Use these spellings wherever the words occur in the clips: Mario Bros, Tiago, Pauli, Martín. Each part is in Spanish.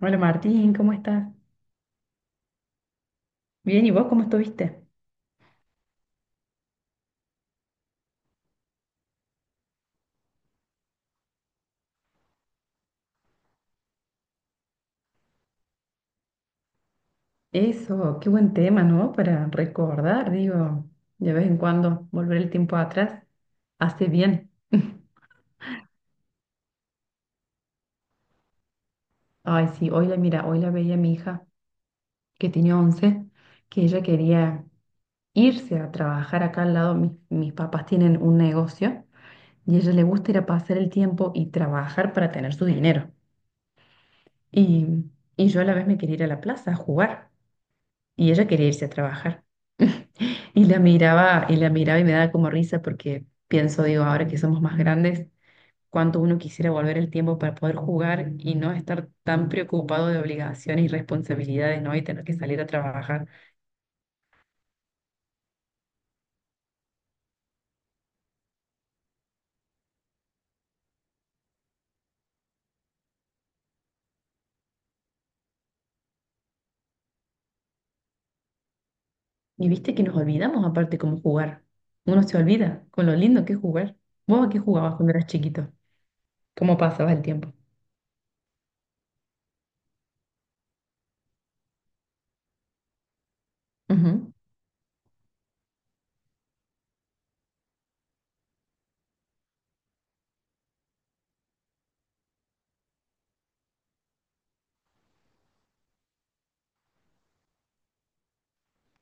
Hola Martín, ¿cómo estás? Bien, ¿y vos cómo estuviste? Eso, qué buen tema, ¿no? Para recordar, digo, de vez en cuando volver el tiempo atrás hace bien. Ay, sí, hoy la mira, hoy la veía mi hija, que tenía 11, que ella quería irse a trabajar acá al lado. Mis papás tienen un negocio y a ella le gusta ir a pasar el tiempo y trabajar para tener su dinero. Y, y yo a la vez me quería ir a la plaza a jugar y ella quería irse a trabajar. Y la miraba, y la miraba y me daba como risa porque pienso, digo, ahora que somos más grandes, cuánto uno quisiera volver el tiempo para poder jugar y no estar tan preocupado de obligaciones y responsabilidades, ¿no? Y tener que salir a trabajar. Y viste que nos olvidamos aparte cómo jugar. Uno se olvida con lo lindo que es jugar. ¿Vos a qué jugabas cuando eras chiquito? ¿Cómo pasabas el tiempo? Ujú.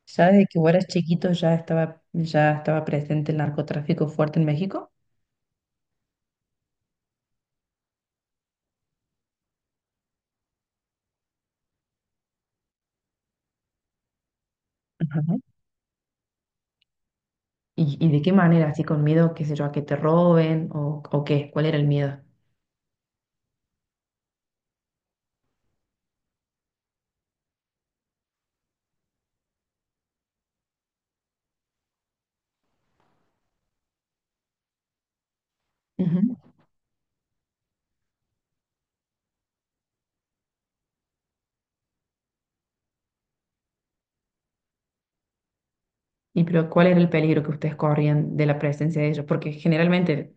¿Ya desde que vos eras chiquito ya estaba presente el narcotráfico fuerte en México? Ajá. Y de qué manera? ¿Así con miedo, qué sé yo, a que te roben o qué? ¿Cuál era el miedo? Ujú. Y pero ¿cuál era el peligro que ustedes corrían de la presencia de ellos? Porque generalmente,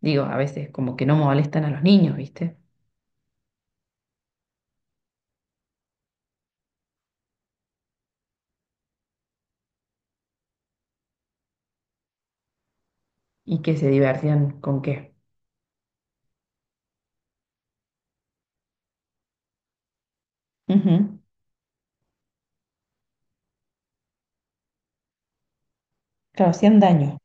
digo, a veces como que no molestan a los niños, ¿viste? Y que se divertían con qué. Ujú. Claro, hacían daño.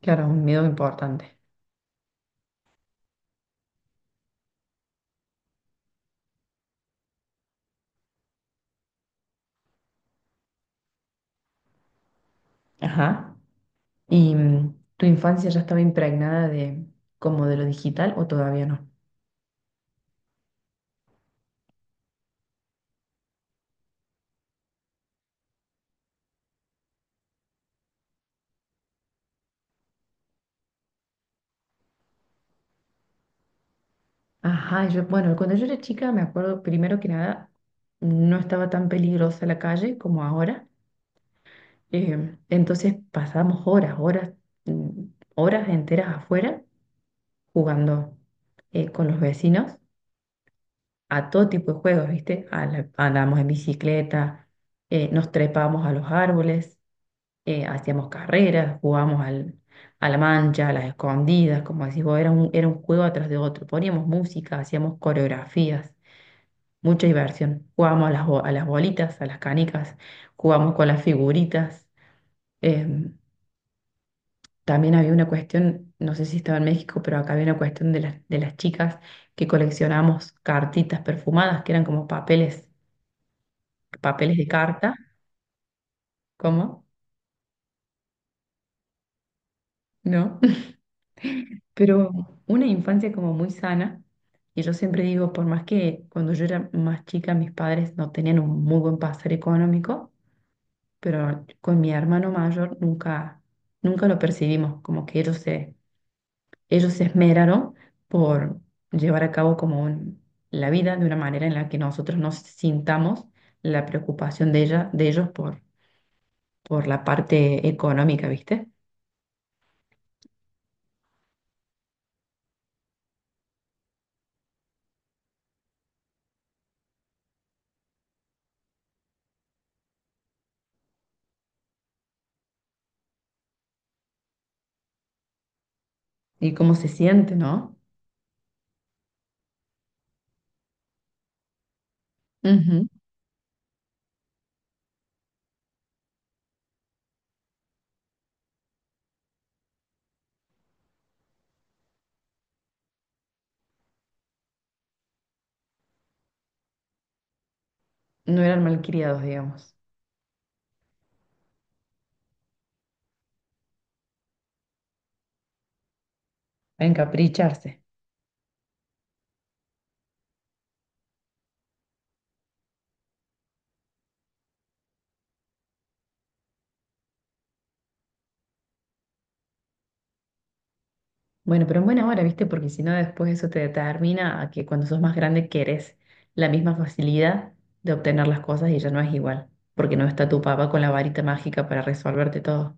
Claro, un miedo importante. Ajá. ¿Y tu infancia ya estaba impregnada de como de lo digital o todavía no? Ajá, yo, bueno, cuando yo era chica me acuerdo, primero que nada, no estaba tan peligrosa la calle como ahora. Entonces pasábamos horas, horas, mm, horas enteras afuera jugando con los vecinos a todo tipo de juegos, ¿viste? Andábamos en bicicleta, nos trepábamos a los árboles, hacíamos carreras, a la mancha, a las escondidas, como decís vos, era un juego atrás de otro. Poníamos música, hacíamos coreografías. Mucha diversión. Jugábamos a las bolitas, a las canicas, jugábamos con las figuritas. Eh, También había una cuestión, no sé si estaba en México, pero acá había una cuestión de de las chicas que coleccionábamos cartitas perfumadas, que eran como papeles, papeles de carta. ¿Cómo? ¿No? Pero una infancia como muy sana. Y yo siempre digo, por más que cuando yo era más chica mis padres no tenían un muy buen pasar económico, pero con mi hermano mayor nunca, nunca lo percibimos, como que ellos se esmeraron por llevar a cabo la vida de una manera en la que nosotros nos sintamos la preocupación de ella, de ellos por la parte económica, ¿viste? Y cómo se siente, ¿no? Ujú. No eran malcriados, digamos, a encapricharse. Bueno, pero en buena hora, ¿viste? Porque si no, después eso te determina a que cuando sos más grande querés la misma facilidad de obtener las cosas y ya no es igual, porque no está tu papá con la varita mágica para resolverte todo.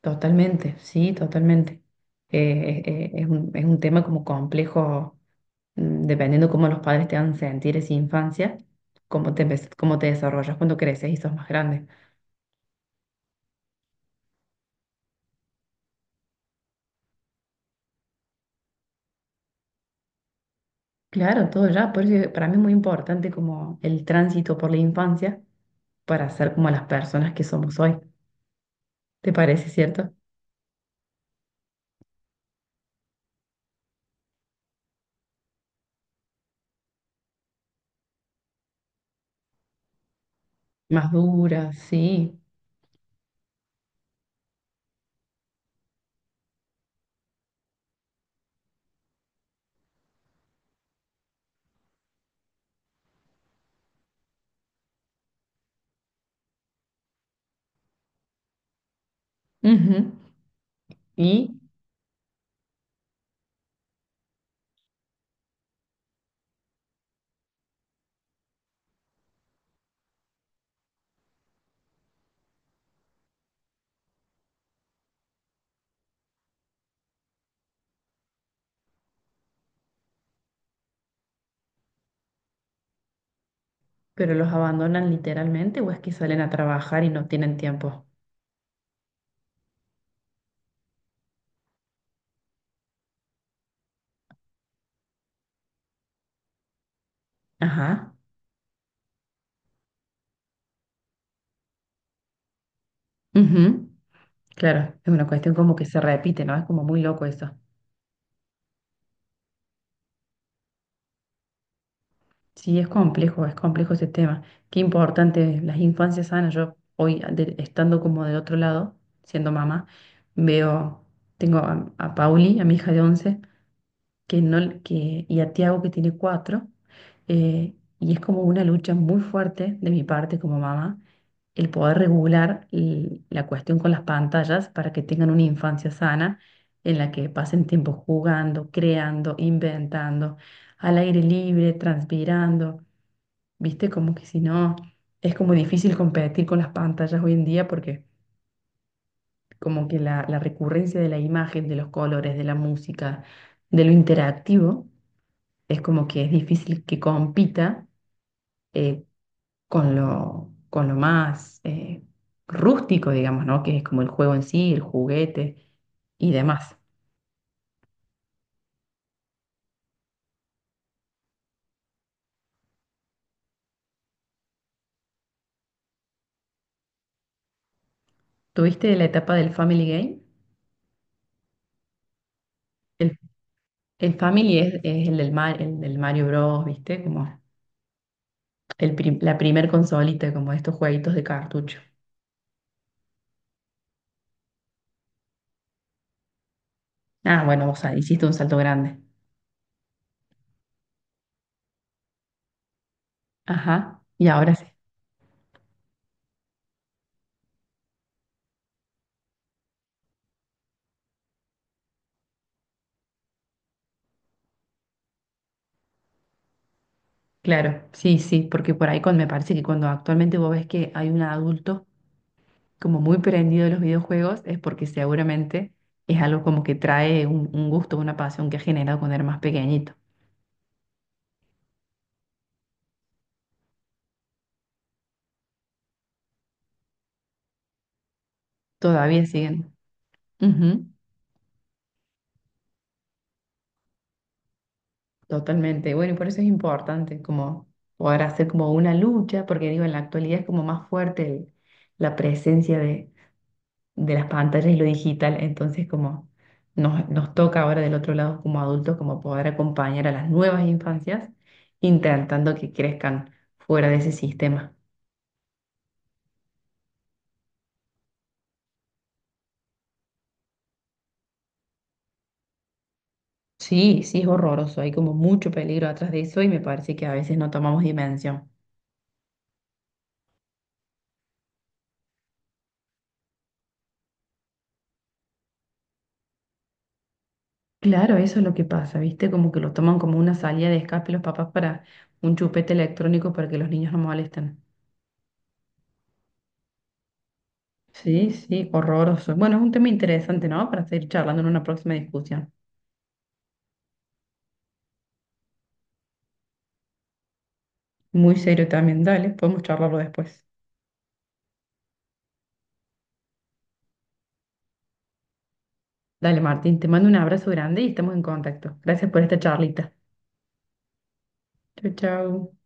Totalmente, sí, totalmente. Es un, es un tema como complejo, dependiendo cómo los padres te hagan sentir esa infancia, cómo te desarrollas cuando creces y sos más grande. Claro, todo ya, por eso para mí es muy importante como el tránsito por la infancia para ser como las personas que somos hoy. ¿Te parece cierto? Más duras, sí. Ujú. Y, pero los abandonan literalmente o es que salen a trabajar y no tienen tiempo. Ajá. Ujú. Claro, es una cuestión como que se repite, ¿no? Es como muy loco eso. Sí, es complejo ese tema. Qué importante, las infancias sanas. Estando como de otro lado, siendo mamá, veo, a Pauli, a mi hija de 11. Que no, que, y a Tiago que tiene cuatro. eh, y es como una lucha muy fuerte de mi parte como mamá el poder regular la cuestión con las pantallas para que tengan una infancia sana en la que pasen tiempo jugando, creando, inventando, al aire libre, transpirando. Viste, como que si no, es como difícil competir con las pantallas hoy en día porque como que la recurrencia de la imagen, de los colores, de la música, de lo interactivo es como que es difícil que compita eh, con lo más rústico, digamos, ¿no? Que es como el juego en sí, el juguete y demás. ¿Tuviste la etapa del Family Game? El, el Family es, es el del Mario Bros, ¿viste? Como la primer consolita, como estos jueguitos de cartucho. Ah, bueno, o sea, hiciste un salto grande. Ajá, y ahora sí. Claro, sí, sí, porque por ahí me parece que cuando actualmente vos ves que hay un adulto como muy prendido de los videojuegos es porque seguramente es algo como que trae un gusto, una pasión que ha generado cuando era más pequeñito. Todavía siguen. Ujú, totalmente. Bueno, y por eso es importante como poder hacer como una lucha, porque digo, en la actualidad es como más fuerte la presencia de las pantallas y lo digital, entonces como nos toca ahora del otro lado como adultos como poder acompañar a las nuevas infancias intentando que crezcan fuera de ese sistema. Sí, sí, es horroroso. Hay como mucho peligro atrás de eso y me parece que a veces no tomamos dimensión. Claro, eso es lo que pasa, ¿viste? Como que lo toman como una salida de escape los papás para un chupete electrónico para que los niños no molesten. Sí, sí, horroroso. Bueno, es un tema interesante, ¿no? Para seguir charlando en una próxima discusión. Muy serio también, dale, podemos charlarlo después. Dale, Martín, te mando un abrazo grande y estamos en contacto. Gracias por esta charlita. Chau, chau.